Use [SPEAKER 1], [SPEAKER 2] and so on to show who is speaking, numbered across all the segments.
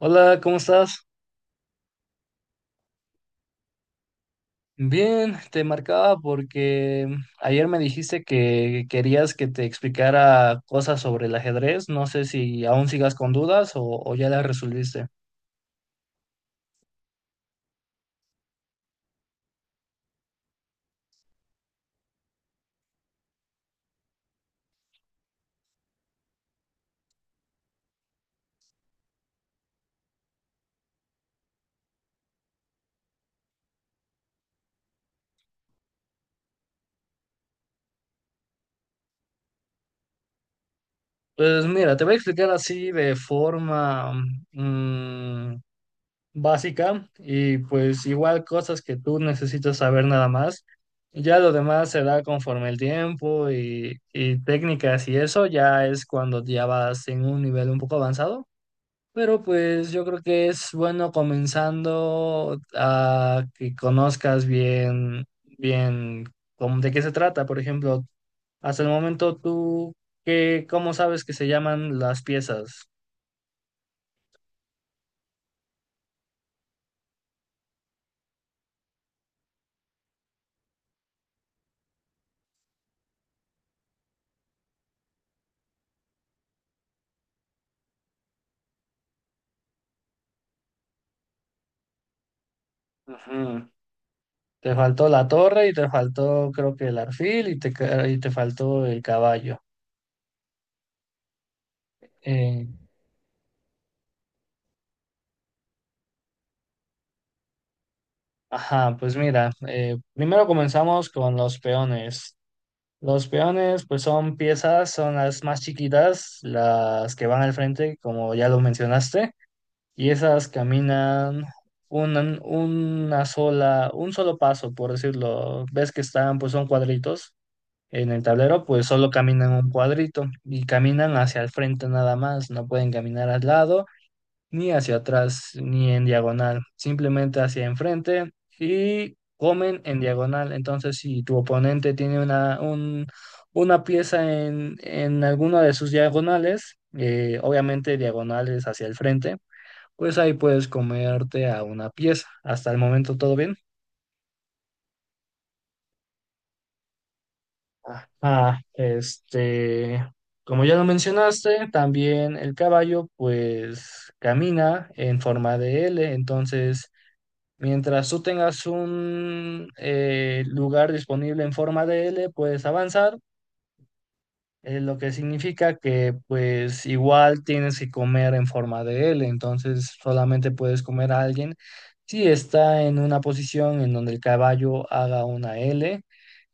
[SPEAKER 1] Hola, ¿cómo estás? Bien, te marcaba porque ayer me dijiste que querías que te explicara cosas sobre el ajedrez. No sé si aún sigas con dudas o ya las resolviste. Pues mira, te voy a explicar así de forma mm, básica y pues igual cosas que tú necesitas saber nada más. Ya lo demás se da conforme el tiempo y técnicas y eso ya es cuando ya vas en un nivel un poco avanzado. Pero pues yo creo que es bueno comenzando a que conozcas bien, bien de qué se trata. Por ejemplo, hasta el momento tú, ¿ cómo sabes que se llaman las piezas? Ujú. Te faltó la torre y te faltó creo que el arfil y te faltó el caballo. Eh, ajá, pues mira, primero comenzamos con los peones. Los peones, pues son piezas, son las más chiquitas, las que van al frente, como ya lo mencionaste, y esas caminan una sola, un solo paso, por decirlo. Ves que están, pues son cuadritos en el tablero, pues solo caminan un cuadrito y caminan hacia el frente nada más, no pueden caminar al lado ni hacia atrás ni en diagonal, simplemente hacia enfrente y comen en diagonal. Entonces, si tu oponente tiene una pieza en alguna de sus diagonales, obviamente diagonales hacia el frente, pues ahí puedes comerte a una pieza. Hasta el momento todo bien. Ah, este, Como ya lo mencionaste, también el caballo pues camina en forma de L. Entonces mientras tú tengas un lugar disponible en forma de L, puedes avanzar, lo que significa que pues igual tienes que comer en forma de L. Entonces solamente puedes comer a alguien si está en una posición en donde el caballo haga una L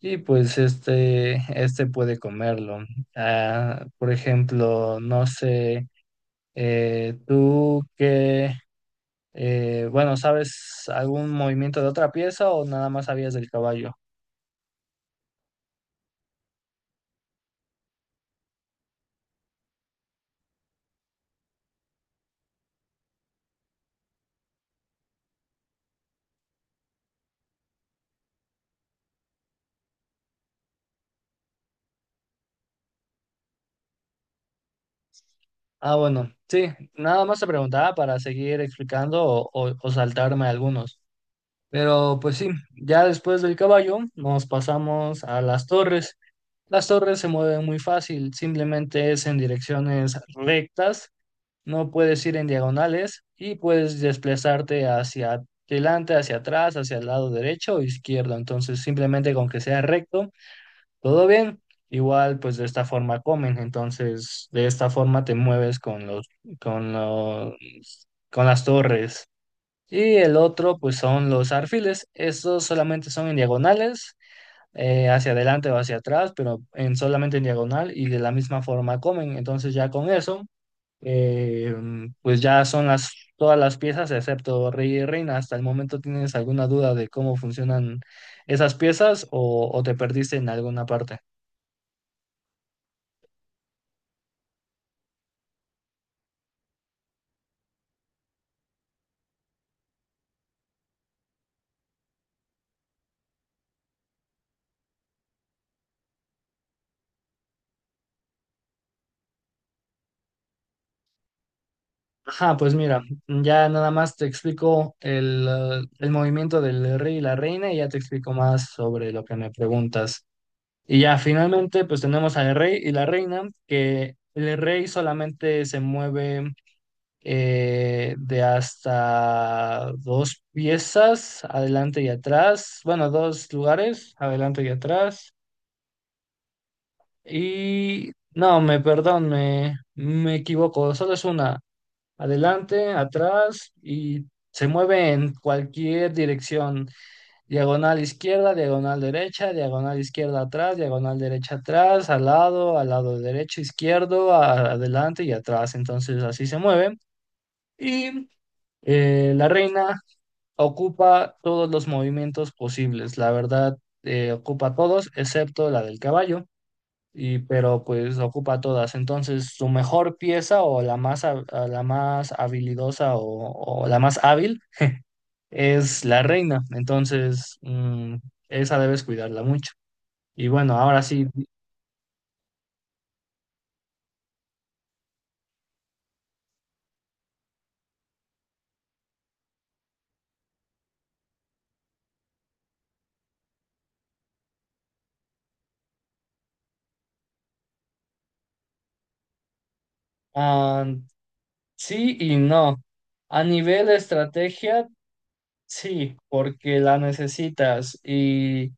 [SPEAKER 1] y pues este puede comerlo. Ah, por ejemplo, no sé, tú qué bueno, ¿sabes algún movimiento de otra pieza o nada más sabías del caballo? Ah, bueno, sí, nada más te preguntaba para seguir explicando o saltarme algunos. Pero pues sí, ya después del caballo nos pasamos a las torres. Las torres se mueven muy fácil, simplemente es en direcciones rectas, no puedes ir en diagonales y puedes desplazarte hacia adelante, hacia atrás, hacia el lado derecho o izquierdo. Entonces, simplemente con que sea recto, todo bien. Igual, pues de esta forma comen. Entonces de esta forma te mueves con los, con las torres. Y el otro, pues son los arfiles. Estos solamente son en diagonales, hacia adelante o hacia atrás, pero en solamente en diagonal y de la misma forma comen. Entonces ya con eso, eh, pues ya son las todas las piezas excepto rey y reina. Hasta el momento, ¿tienes alguna duda de cómo funcionan esas piezas o te perdiste en alguna parte? Ajá, pues mira, ya nada más te explico el movimiento del rey y la reina y ya te explico más sobre lo que me preguntas. Y ya finalmente, pues tenemos al rey y la reina, que el rey solamente se mueve de hasta dos piezas, adelante y atrás, bueno, dos lugares, adelante y atrás. Y no, me perdón, me equivoco, solo es una adelante, atrás y se mueve en cualquier dirección. Diagonal izquierda, diagonal derecha, diagonal izquierda atrás, diagonal derecha atrás, al lado derecho, izquierdo, adelante y atrás. Entonces así se mueve. Y la reina ocupa todos los movimientos posibles. La verdad, ocupa todos excepto la del caballo y pero pues ocupa todas. Entonces, su mejor pieza o a la más habilidosa o la más hábil es la reina. Entonces, esa debes cuidarla mucho. Y bueno, ahora sí, ah, sí y no. A nivel de estrategia, sí, porque la necesitas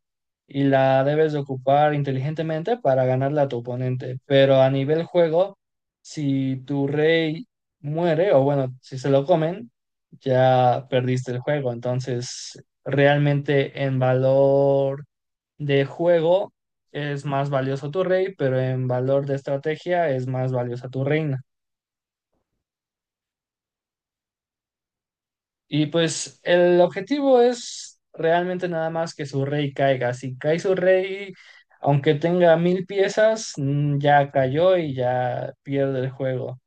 [SPEAKER 1] y la debes de ocupar inteligentemente para ganarla a tu oponente. Pero a nivel juego, si tu rey muere, o bueno, si se lo comen, ya perdiste el juego. Entonces, realmente en valor de juego es más valioso tu rey, pero en valor de estrategia es más valiosa tu reina. Y pues el objetivo es realmente nada más que su rey caiga. Si cae su rey, aunque tenga mil piezas, ya cayó y ya pierde el juego.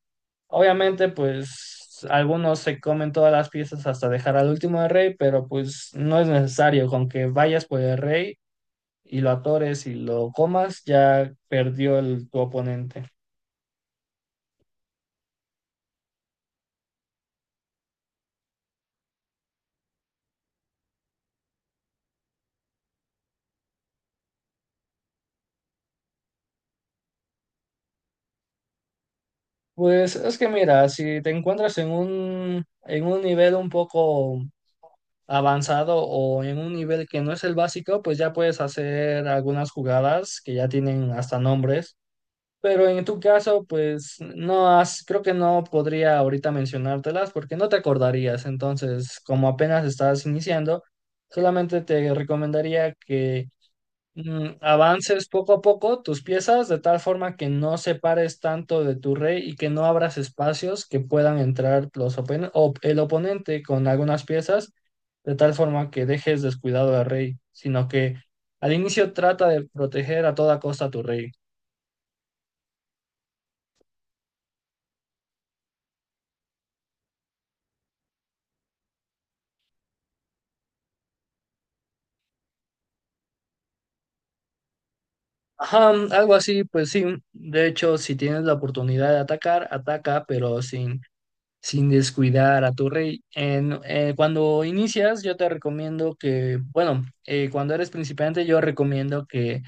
[SPEAKER 1] Obviamente, pues algunos se comen todas las piezas hasta dejar al último de rey, pero pues no es necesario. Con que vayas por el rey y lo atores y lo comas, ya perdió tu oponente. Pues es que mira, si te encuentras en un nivel un poco avanzado o en un nivel que no es el básico, pues ya puedes hacer algunas jugadas que ya tienen hasta nombres. Pero en tu caso, pues no has, creo que no podría ahorita mencionártelas porque no te acordarías. Entonces, como apenas estás iniciando, solamente te recomendaría que avances poco a poco tus piezas de tal forma que no separes tanto de tu rey y que no abras espacios que puedan entrar los el oponente con algunas piezas de tal forma que dejes descuidado al rey, sino que al inicio trata de proteger a toda costa a tu rey. Ajá, algo así, pues sí. De hecho, si tienes la oportunidad de atacar, ataca, pero sin descuidar a tu rey. Cuando inicias, yo te recomiendo que, bueno, cuando eres principiante, yo recomiendo que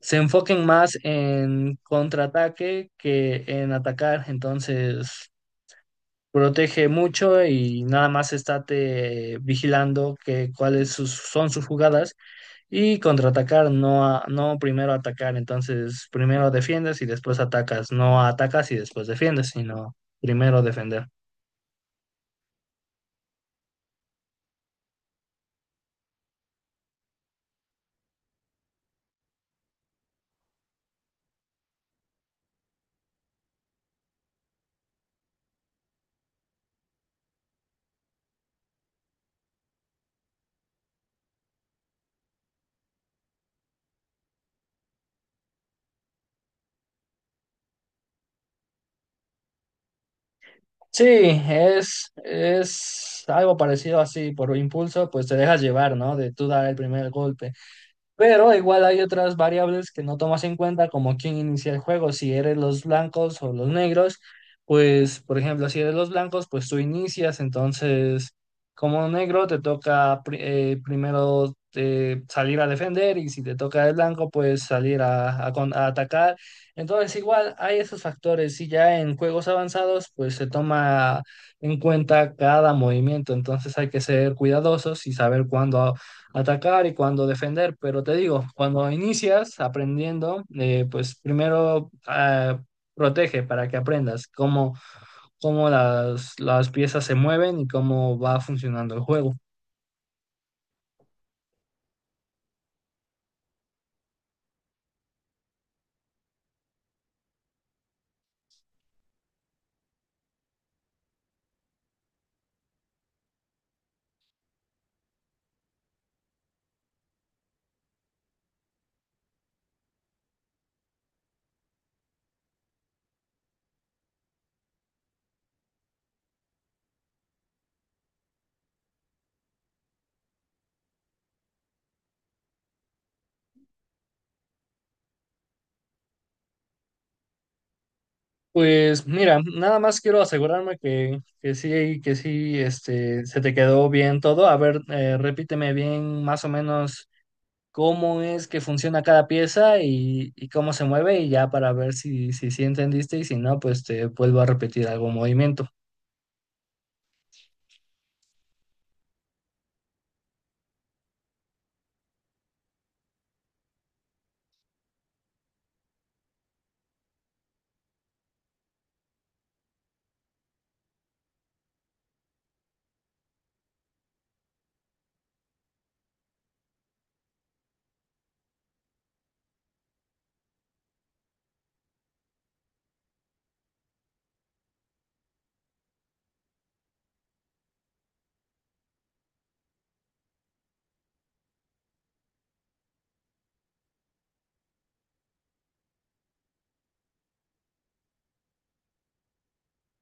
[SPEAKER 1] se enfoquen más en contraataque que en atacar. Entonces, protege mucho y nada más estate vigilando que son sus jugadas y contraatacar, no, no primero atacar. Entonces primero defiendes y después atacas, no atacas y después defiendes, sino primero defender. Sí, es algo parecido así, por impulso, pues te dejas llevar, ¿no? De tú dar el primer golpe. Pero igual hay otras variables que no tomas en cuenta, como quién inicia el juego. Si eres los blancos o los negros, pues, por ejemplo, si eres los blancos, pues tú inicias. Entonces, como negro, te toca primero salir a defender y si te toca el blanco, pues salir a atacar. Entonces, igual hay esos factores. Y ya en juegos avanzados, pues se toma en cuenta cada movimiento. Entonces, hay que ser cuidadosos y saber cuándo atacar y cuando defender. Pero te digo, cuando inicias aprendiendo, pues primero ah, protege para que aprendas cómo las piezas se mueven y cómo va funcionando el juego. Pues mira, nada más quiero asegurarme que sí, este, se te quedó bien todo. A ver, repíteme bien más o menos cómo es que funciona cada pieza y cómo se mueve y ya para ver si, si, sí entendiste y si no, pues te vuelvo a repetir algún movimiento.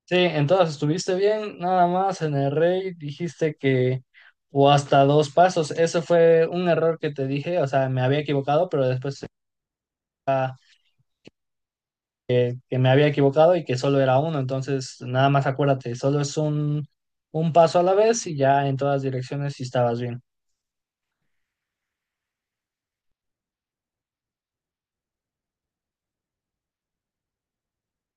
[SPEAKER 1] Sí, entonces estuviste bien, nada más en el rey dijiste que o hasta dos pasos, eso fue un error que te dije, o sea, me había equivocado, pero después que me había equivocado y que solo era uno. Entonces nada más acuérdate, solo es un paso a la vez y ya en todas direcciones si estabas bien.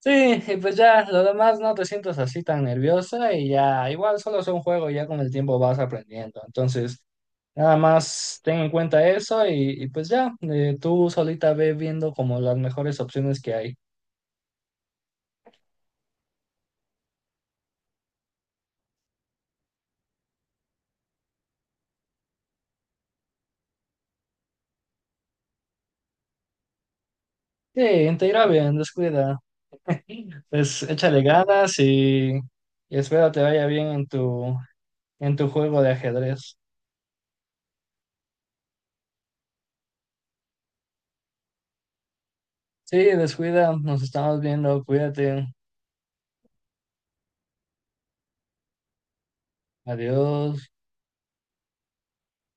[SPEAKER 1] Sí, y pues ya, lo demás no te sientas así tan nerviosa y ya, igual solo es un juego, y ya con el tiempo vas aprendiendo. Entonces, nada más ten en cuenta eso y pues ya, tú solita ve viendo como las mejores opciones que hay. Sí, te irá bien, descuida. Pues échale ganas y espero te vaya bien en tu juego de ajedrez. Sí, descuida, nos estamos viendo, cuídate, adiós.